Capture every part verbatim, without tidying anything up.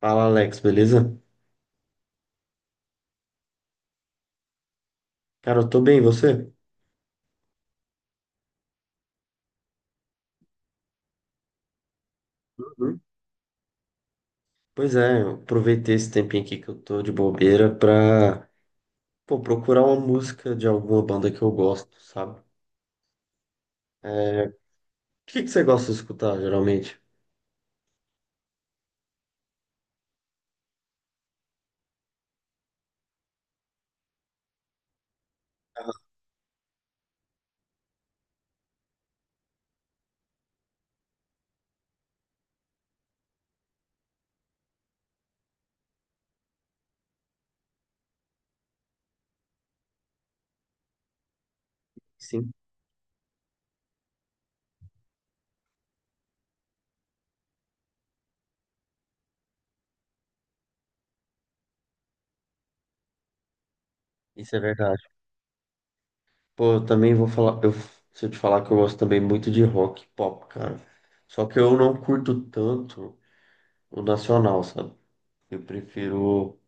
Fala, Alex, beleza? Cara, eu tô bem, e você? Uhum. Pois é, eu aproveitei esse tempinho aqui que eu tô de bobeira pra, pô, procurar uma música de alguma banda que eu gosto, sabe? É, o que que você gosta de escutar, geralmente? Sim. Isso é verdade. Pô, eu também vou falar, eu, se eu te falar que eu gosto também muito de rock, e pop, cara. Só que eu não curto tanto o nacional, sabe? Eu prefiro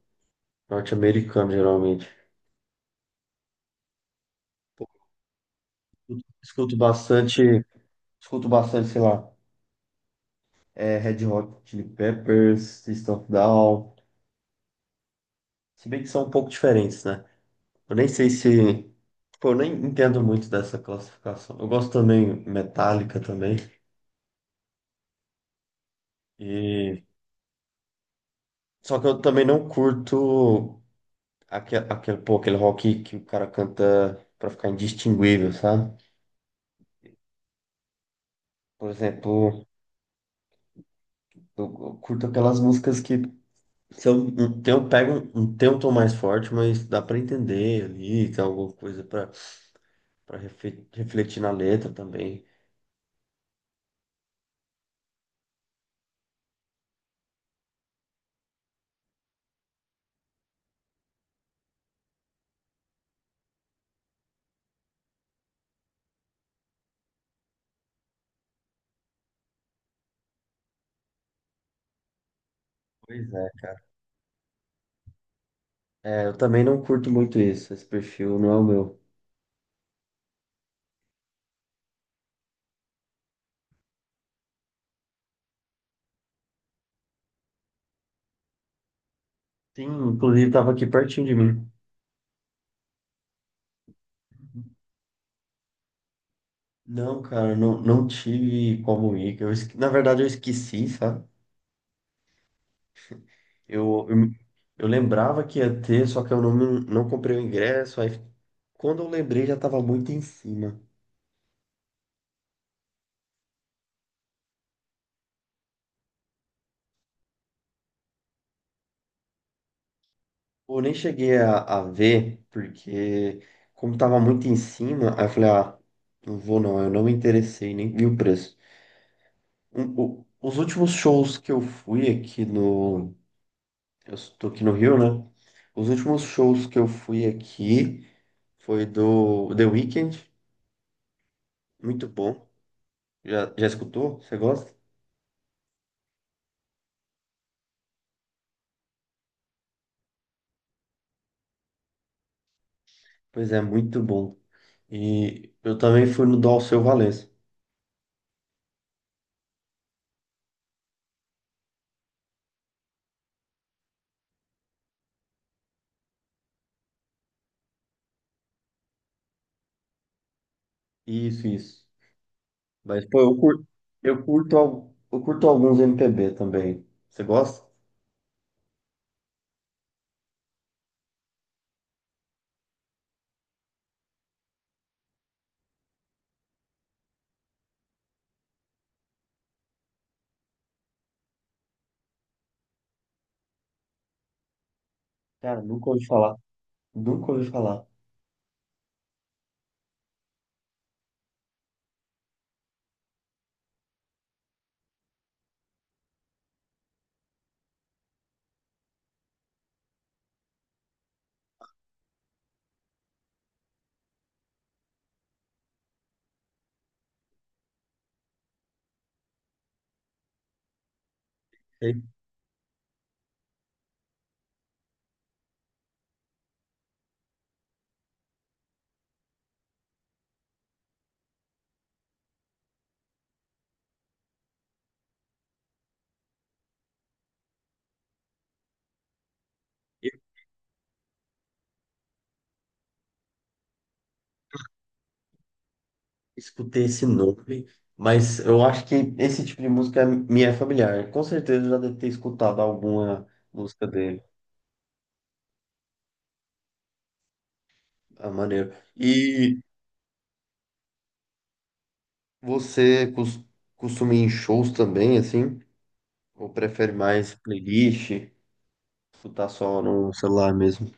norte-americano, geralmente. Escuto bastante, Escuto bastante, sei lá. É, Red Hot Chili Peppers, System of a Down. Se bem que são um pouco diferentes, né? Eu nem sei se. Pô, eu nem entendo muito dessa classificação. Eu gosto também Metallica também. E... Só que eu também não curto aquele, aquele, pô, aquele rock que o cara canta pra ficar indistinguível, sabe? Por exemplo, eu eu curto aquelas músicas que são, um- tem, eu pego, um, um- tem um tom mais forte, mas dá pra entender ali, tem alguma coisa pra para refletir na letra também. Pois é, cara. É, eu também não curto muito isso. Esse perfil não é o meu. Sim, inclusive tava aqui pertinho de mim. Não, cara, não, não tive como ir. Que Eu, esque- na verdade, eu esqueci, sabe? Eu, eu, me- eu lembrava que ia ter, só que eu não, me- não comprei o ingresso. Aí, quando eu lembrei, já tava muito em cima. Eu nem cheguei a, a ver, porque como tava muito em cima, aí eu falei, ah, não vou não. Eu não me interessei, nem vi o preço. Um- o- os últimos shows que eu fui aqui no. Eu estou aqui no Rio, né? Os últimos shows que eu fui aqui foi do The Weeknd, muito bom. Já, já escutou? Você gosta? Pois é, muito bom. E eu também fui no do Alceu Valença. Isso, isso. Mas, pô, eu curto, eu curto, al- eu curto alguns M P B também. Você gosta? Cara, nunca ouvi falar. Nunca ouvi falar. Sei. Escutei esse nome, mas eu acho que esse tipo de música me é familiar. Com certeza eu já deve ter escutado alguma música dele. Ah, maneiro. E você cos- costuma ir em shows também, assim? Ou prefere mais playlist? Escutar só no celular mesmo?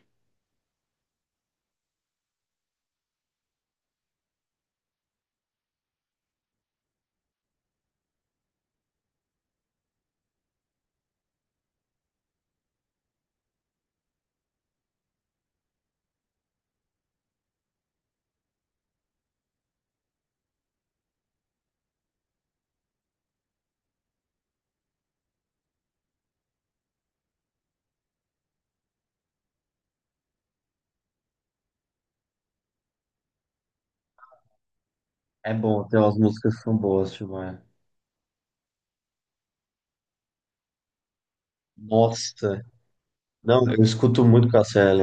É bom, tem umas músicas que são boas, Gilmar. Nossa! Não, eu escuto muito Cássia.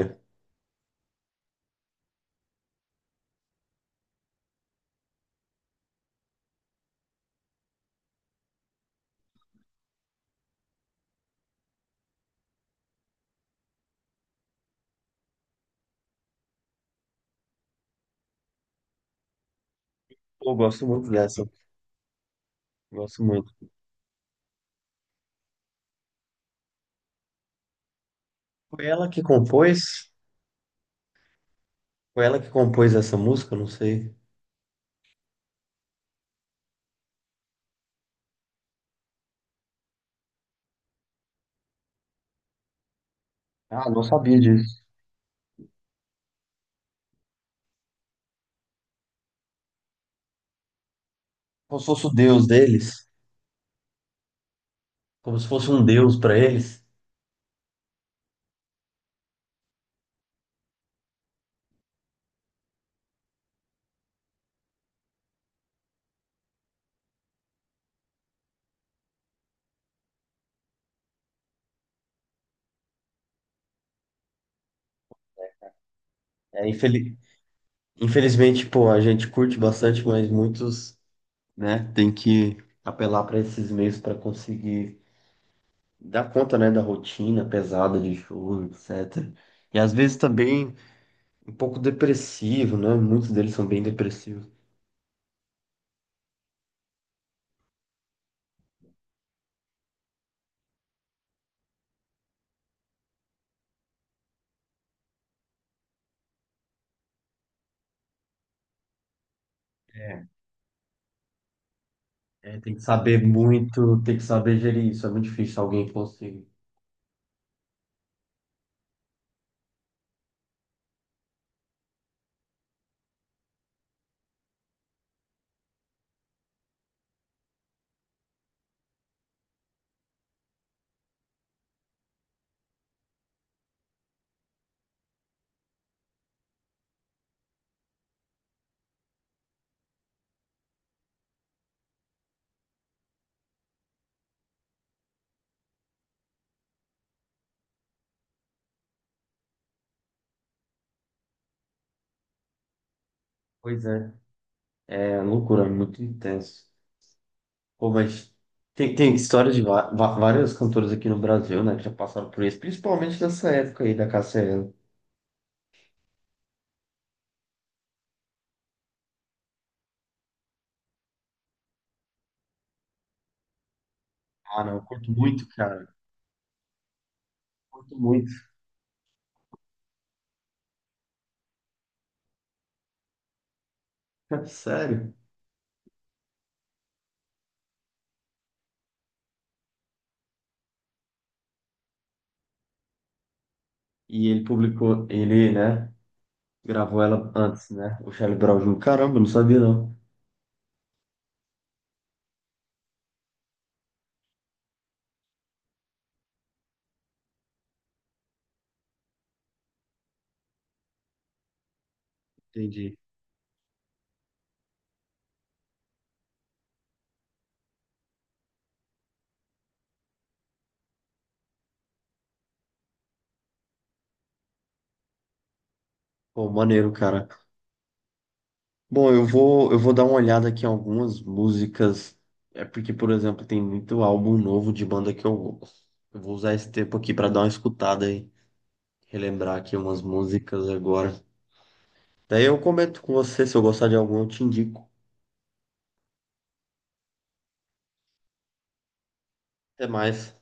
Eu gosto muito dessa. Gosto muito. Foi ela que compôs? Foi ela que compôs essa música? Não sei. Ah, não sabia disso. Como se fosse o deus deles, como se fosse um deus pra eles. É, infeli- Infelizmente, pô, a gente curte bastante, mas muitos, né, tem que apelar para esses meios para conseguir dar conta, né, da rotina pesada de show, etcétera. E às vezes também um pouco depressivo, né? Muitos deles são bem depressivos. É, é, Tem que saber muito, tem que saber gerir isso. É muito difícil alguém conseguir. Pois é, é loucura, é muito intenso. Pô, mas tem, tem história de va- va- várias cantoras aqui no Brasil, né, que já passaram por isso, principalmente nessa época aí da Cassiane. Ah, não, eu curto muito, cara, curto muito. Sério. E ele publicou, ele, né, gravou ela antes, né, o Charlie Brown júnior Caramba, não sabia não. Entendi. Pô, maneiro, cara. Bom, eu vou, eu vou dar uma olhada aqui em algumas músicas, é porque, por exemplo, tem muito álbum novo de banda que eu, eu vou usar esse tempo aqui pra dar uma escutada e relembrar aqui umas músicas agora. Daí eu comento com você, se eu gostar de algum, eu te indico. Até mais.